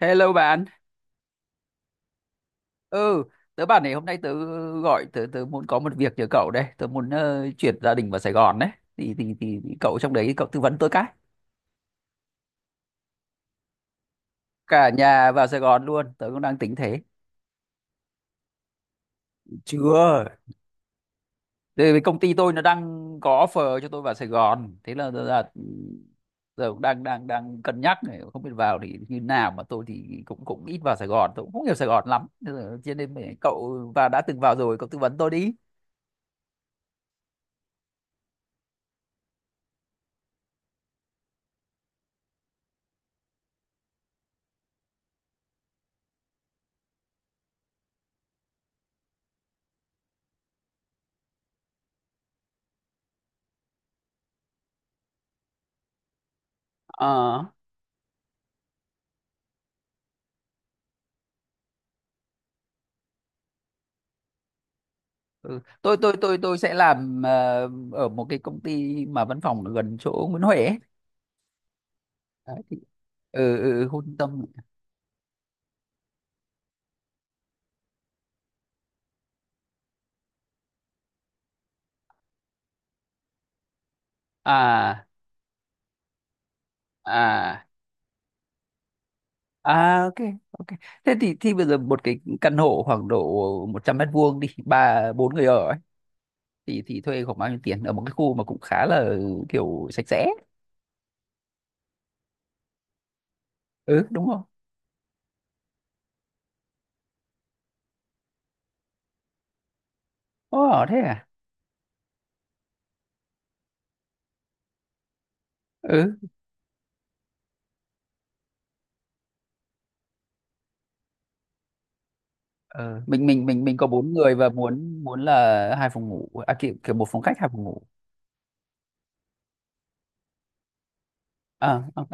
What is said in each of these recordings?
Hello bạn. Ừ, tớ bảo này, hôm nay tớ gọi, tớ tớ muốn có một việc nhờ cậu đây. Tớ muốn chuyển gia đình vào Sài Gòn đấy. Thì cậu trong đấy cậu tư vấn tớ cái. Cả nhà vào Sài Gòn luôn, tớ cũng đang tính thế. Chưa. Thì công ty tôi nó đang có offer cho tôi vào Sài Gòn. Thế là giờ là Giờ cũng đang đang đang cân nhắc này, không biết vào thì như nào, mà tôi thì cũng cũng ít vào Sài Gòn, tôi cũng không hiểu Sài Gòn lắm. Thế là- Cho nên mẹ- Cậu và đã từng vào rồi, cậu tư vấn tôi đi. Ờ. Ừ. Tôi sẽ làm ở một cái công ty mà văn phòng ở gần chỗ Nguyễn Huệ ấy. Đấy, thì, khu trung tâm. À, à, à, ok. Ok, thế thì bây giờ một cái căn hộ khoảng độ 100 mét vuông, đi ba bốn người ở ấy, thì thuê khoảng bao nhiêu tiền, ở một cái khu mà cũng khá là kiểu sạch sẽ? Ừ, đúng không. Ồ thế à? Ừ. ờ, mình có bốn người và muốn muốn là hai phòng ngủ à, kiểu, kiểu một phòng khách hai phòng ngủ. À ok.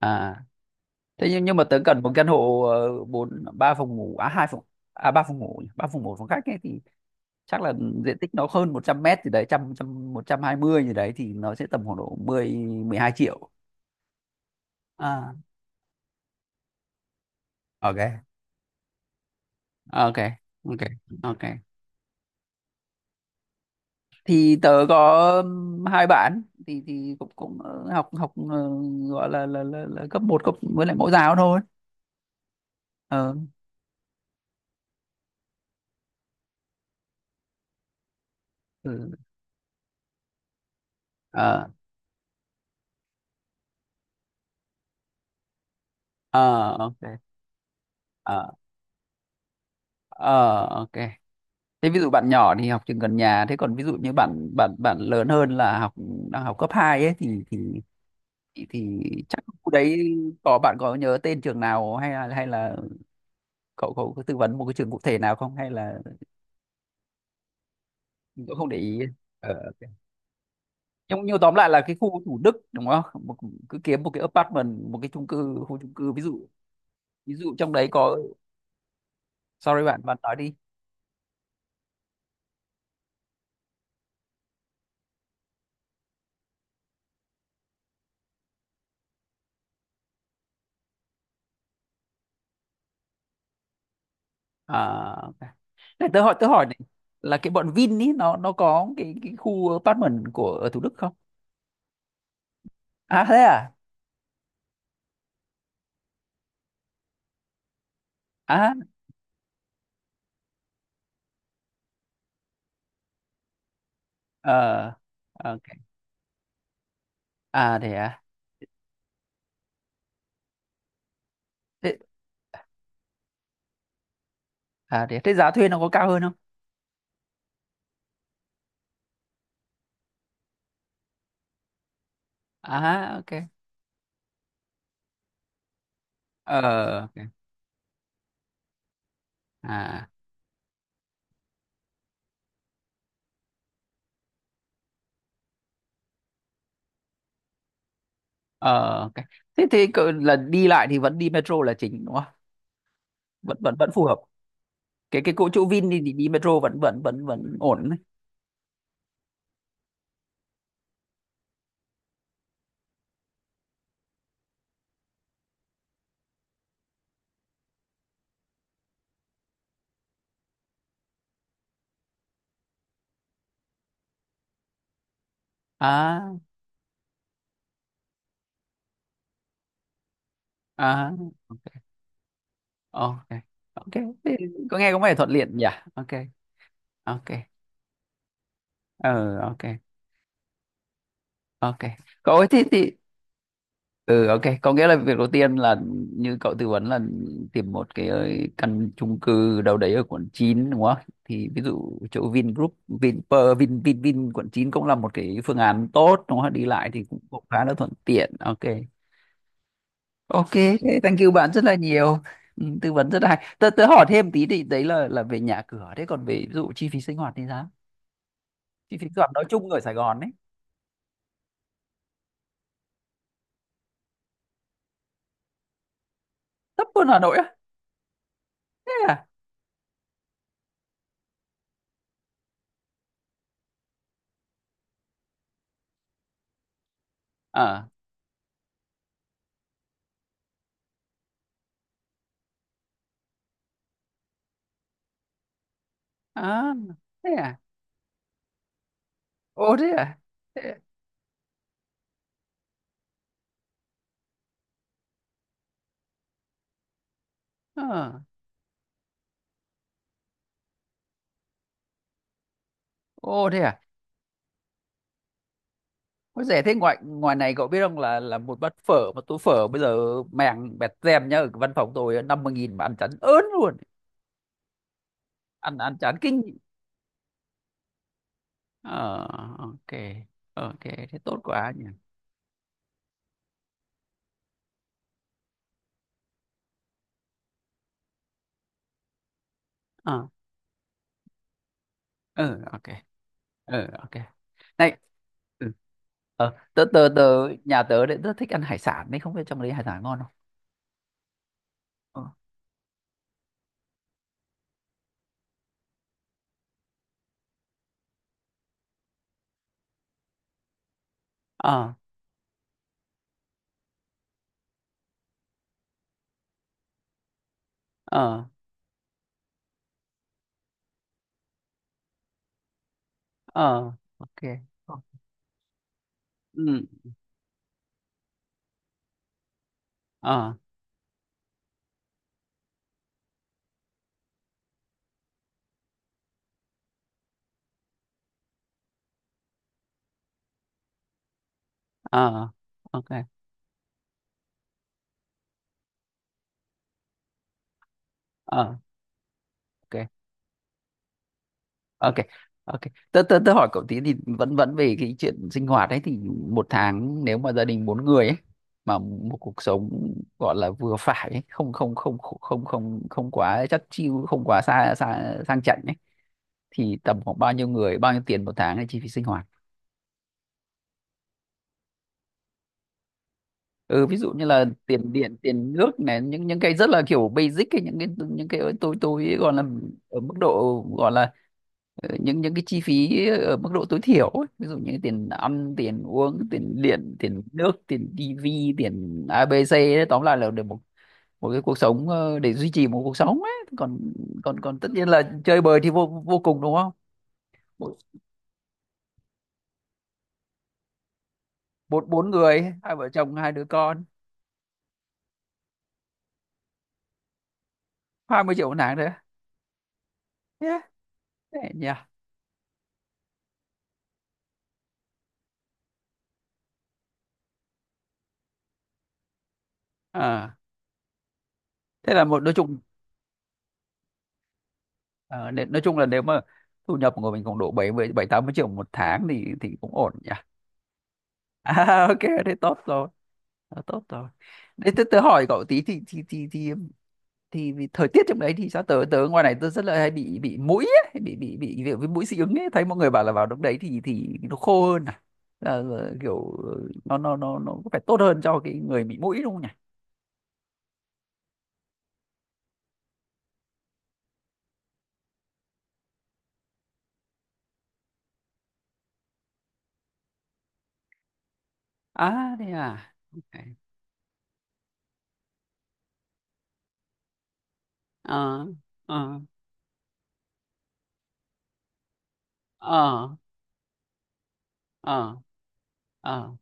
À thế nhưng mà tớ cần một căn hộ ờ, bốn ba phòng ngủ, à hai phòng à ba phòng ngủ nhỉ, ba phòng ngủ phòng khách ấy thì chắc là diện tích nó hơn 100 mét, thì đấy trăm trăm một trăm hai mươi gì đấy, thì nó sẽ tầm khoảng độ mười mười hai triệu. À ok. Ok. Ok. Ok. Thì tớ có hai bạn, thì cũng cũng học học gọi là là cấp một, cấp với lại mẫu giáo thôi. Ờ. Ừ. Ờ. Ờ ok. Ờ. Ờ ok. Thế ví dụ bạn nhỏ thì học trường gần nhà, thế còn ví dụ như bạn bạn bạn lớn hơn là đang học cấp 2 ấy, thì chắc khu đấy có, bạn có nhớ tên trường nào, hay là cậu cậu có tư vấn một cái trường cụ thể nào không, hay là cậu không để ý? Ờ, ok. Nhưng tóm lại là cái khu Thủ Đức đúng không? Một, cứ kiếm một cái apartment, một cái chung cư, khu chung cư, ví dụ trong đấy có, sorry bạn bạn nói đi. À, ok. Này, tớ hỏi này, là cái bọn Vin ý, nó có cái khu apartment của ở Thủ Đức không? À thế à. À. Ờ ok. À thế à. thế, Thế giá thuê nó có cao hơn không? À ok. Ờ ok. À. Ờ ok. Thế thế cỡ là đi lại thì vẫn đi metro là chính đúng không, vẫn vẫn vẫn phù hợp. Cái cỗ chỗ Vin đi, đi metro vẫn vẫn vẫn vẫn ổn đấy. À. À ok. Ok thế, có nghe có vẻ thuận tiện nhỉ. Ok. Ok. Ờ ok. Ok. Cậu ơi thế thì, ừ ok, có nghĩa là việc đầu tiên là như cậu tư vấn là tìm một cái căn chung cư đâu đấy ở quận 9 đúng không, thì ví dụ chỗ Vingroup, Vinpearl, Vin Vin Vin quận 9 cũng là một cái phương án tốt đúng không, đi lại thì cũng khá là thuận tiện. Ok. Ok thế, thank you bạn rất là nhiều. Ừ, tư vấn rất là hay. Tớ hỏi thêm tí, thì đấy là về nhà cửa, thế còn về ví dụ chi phí sinh hoạt thì sao? Chi phí sinh hoạt nói chung ở Sài Gòn ấy. Thấp hơn Hà Nội á? Thế à? À, à thế à. Ồ thế à. Thế à? Ờ. Ồ thế à? Có rẻ thế. Ngoài ngoài này cậu biết không, là một bát phở, một tô phở bây giờ màng bẹt tem nhá, ở cái văn phòng tôi 50 nghìn mà ăn chán ớn luôn. Ăn Ăn chán kinh. Ờ ok. Ờ, ok thế tốt quá nhỉ. Ờ. Ừ ok. Ừ ok. Này. Ừ. Ờ tớ tớ tớ, nhà tớ đấy rất thích ăn hải sản đấy, không biết trong đấy hải sản ngon không? Ờ. Ờ. Ờ. Ờ, ok. Ừ. Ờ. Ờ ok. Ờ ok. Ok. Ok. tớ tớ Tớ hỏi cậu tí, thì vẫn vẫn về cái chuyện sinh hoạt ấy, thì một tháng nếu mà gia đình bốn người ấy, mà một cuộc sống gọi là vừa phải ấy, không không không không không không quá chắc chiu, không quá xa xa sang chảnh ấy, thì tầm khoảng bao nhiêu tiền một tháng là chi phí sinh hoạt? Ừ, ví dụ như là tiền điện, tiền nước này, những cái rất là kiểu basic ấy, những cái, tôi gọi là ở mức độ gọi là, Ờ, những cái chi phí ở mức độ tối thiểu ấy. Ví dụ như tiền ăn, tiền uống, tiền điện, tiền nước, tiền tivi, tiền ABC ấy. Tóm lại là để một một cái cuộc sống để duy trì một cuộc sống ấy, còn còn còn tất nhiên là chơi bời thì vô vô cùng đúng không. Bốn bốn Bốn người, hai vợ chồng hai đứa con. Hai mươi triệu một tháng đấy. Yeah. Thế nhỉ. À, thế là một, nói chung, ờ, nói chung là nếu mà thu nhập của mình khoảng độ bảy bảy tám mươi triệu một tháng thì cũng ổn nhỉ. À, ok. Thế tốt rồi. Đó, tốt rồi. Đấy, tớ hỏi cậu tí, thì vì thời tiết trong đấy thì sao? Tớ tớ ngoài này tớ rất là hay bị mũi ấy, hay bị kiểu với mũi dị ứng ấy, thấy mọi người bảo là vào lúc đấy thì nó khô hơn à. Là kiểu nó có phải tốt hơn cho cái người bị mũi đúng không nhỉ? À thế à. Ok. Ờ. Ờ. Ờ. Ờ. Ờ.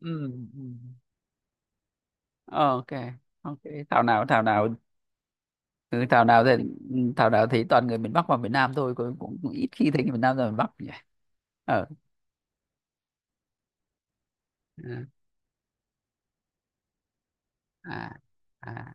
Ừ, ừ. Ờ, ok. Ok, thảo nào. Ừ, thảo nào thấy toàn người miền Bắc và miền Nam thôi, cũng ít khi thấy người miền Nam ra miền Bắc nhỉ. Ờ. Ừ. À, à.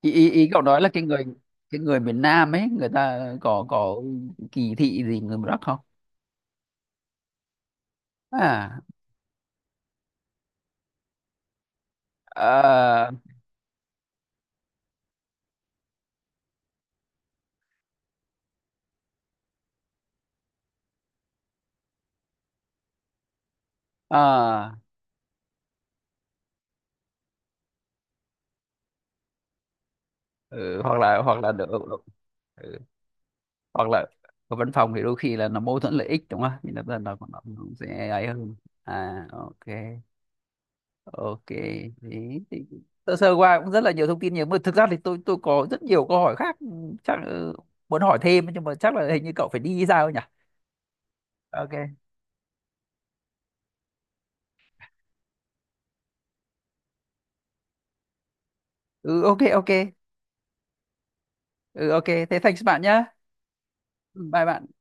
Ý cậu nói là cái người miền Nam ấy, người ta có kỳ thị gì người miền Bắc không? À. Ờ. Ờ. Ừ, hoặc là được ừ, hoặc là ở văn phòng thì đôi khi là nó mâu thuẫn lợi ích đúng không, thì nó sẽ ấy hơn. À ok. Ok. Đấy thì sơ sơ qua cũng rất là nhiều thông tin nhiều, mà thực ra thì tôi có rất nhiều câu hỏi khác, ừ, chắc, ừ, muốn hỏi thêm, nhưng mà chắc là hình như cậu phải đi sao nhỉ? Ok. Ừ ok ok. Ừ ok, thế thanks bạn nhá. Ừ, bye bạn.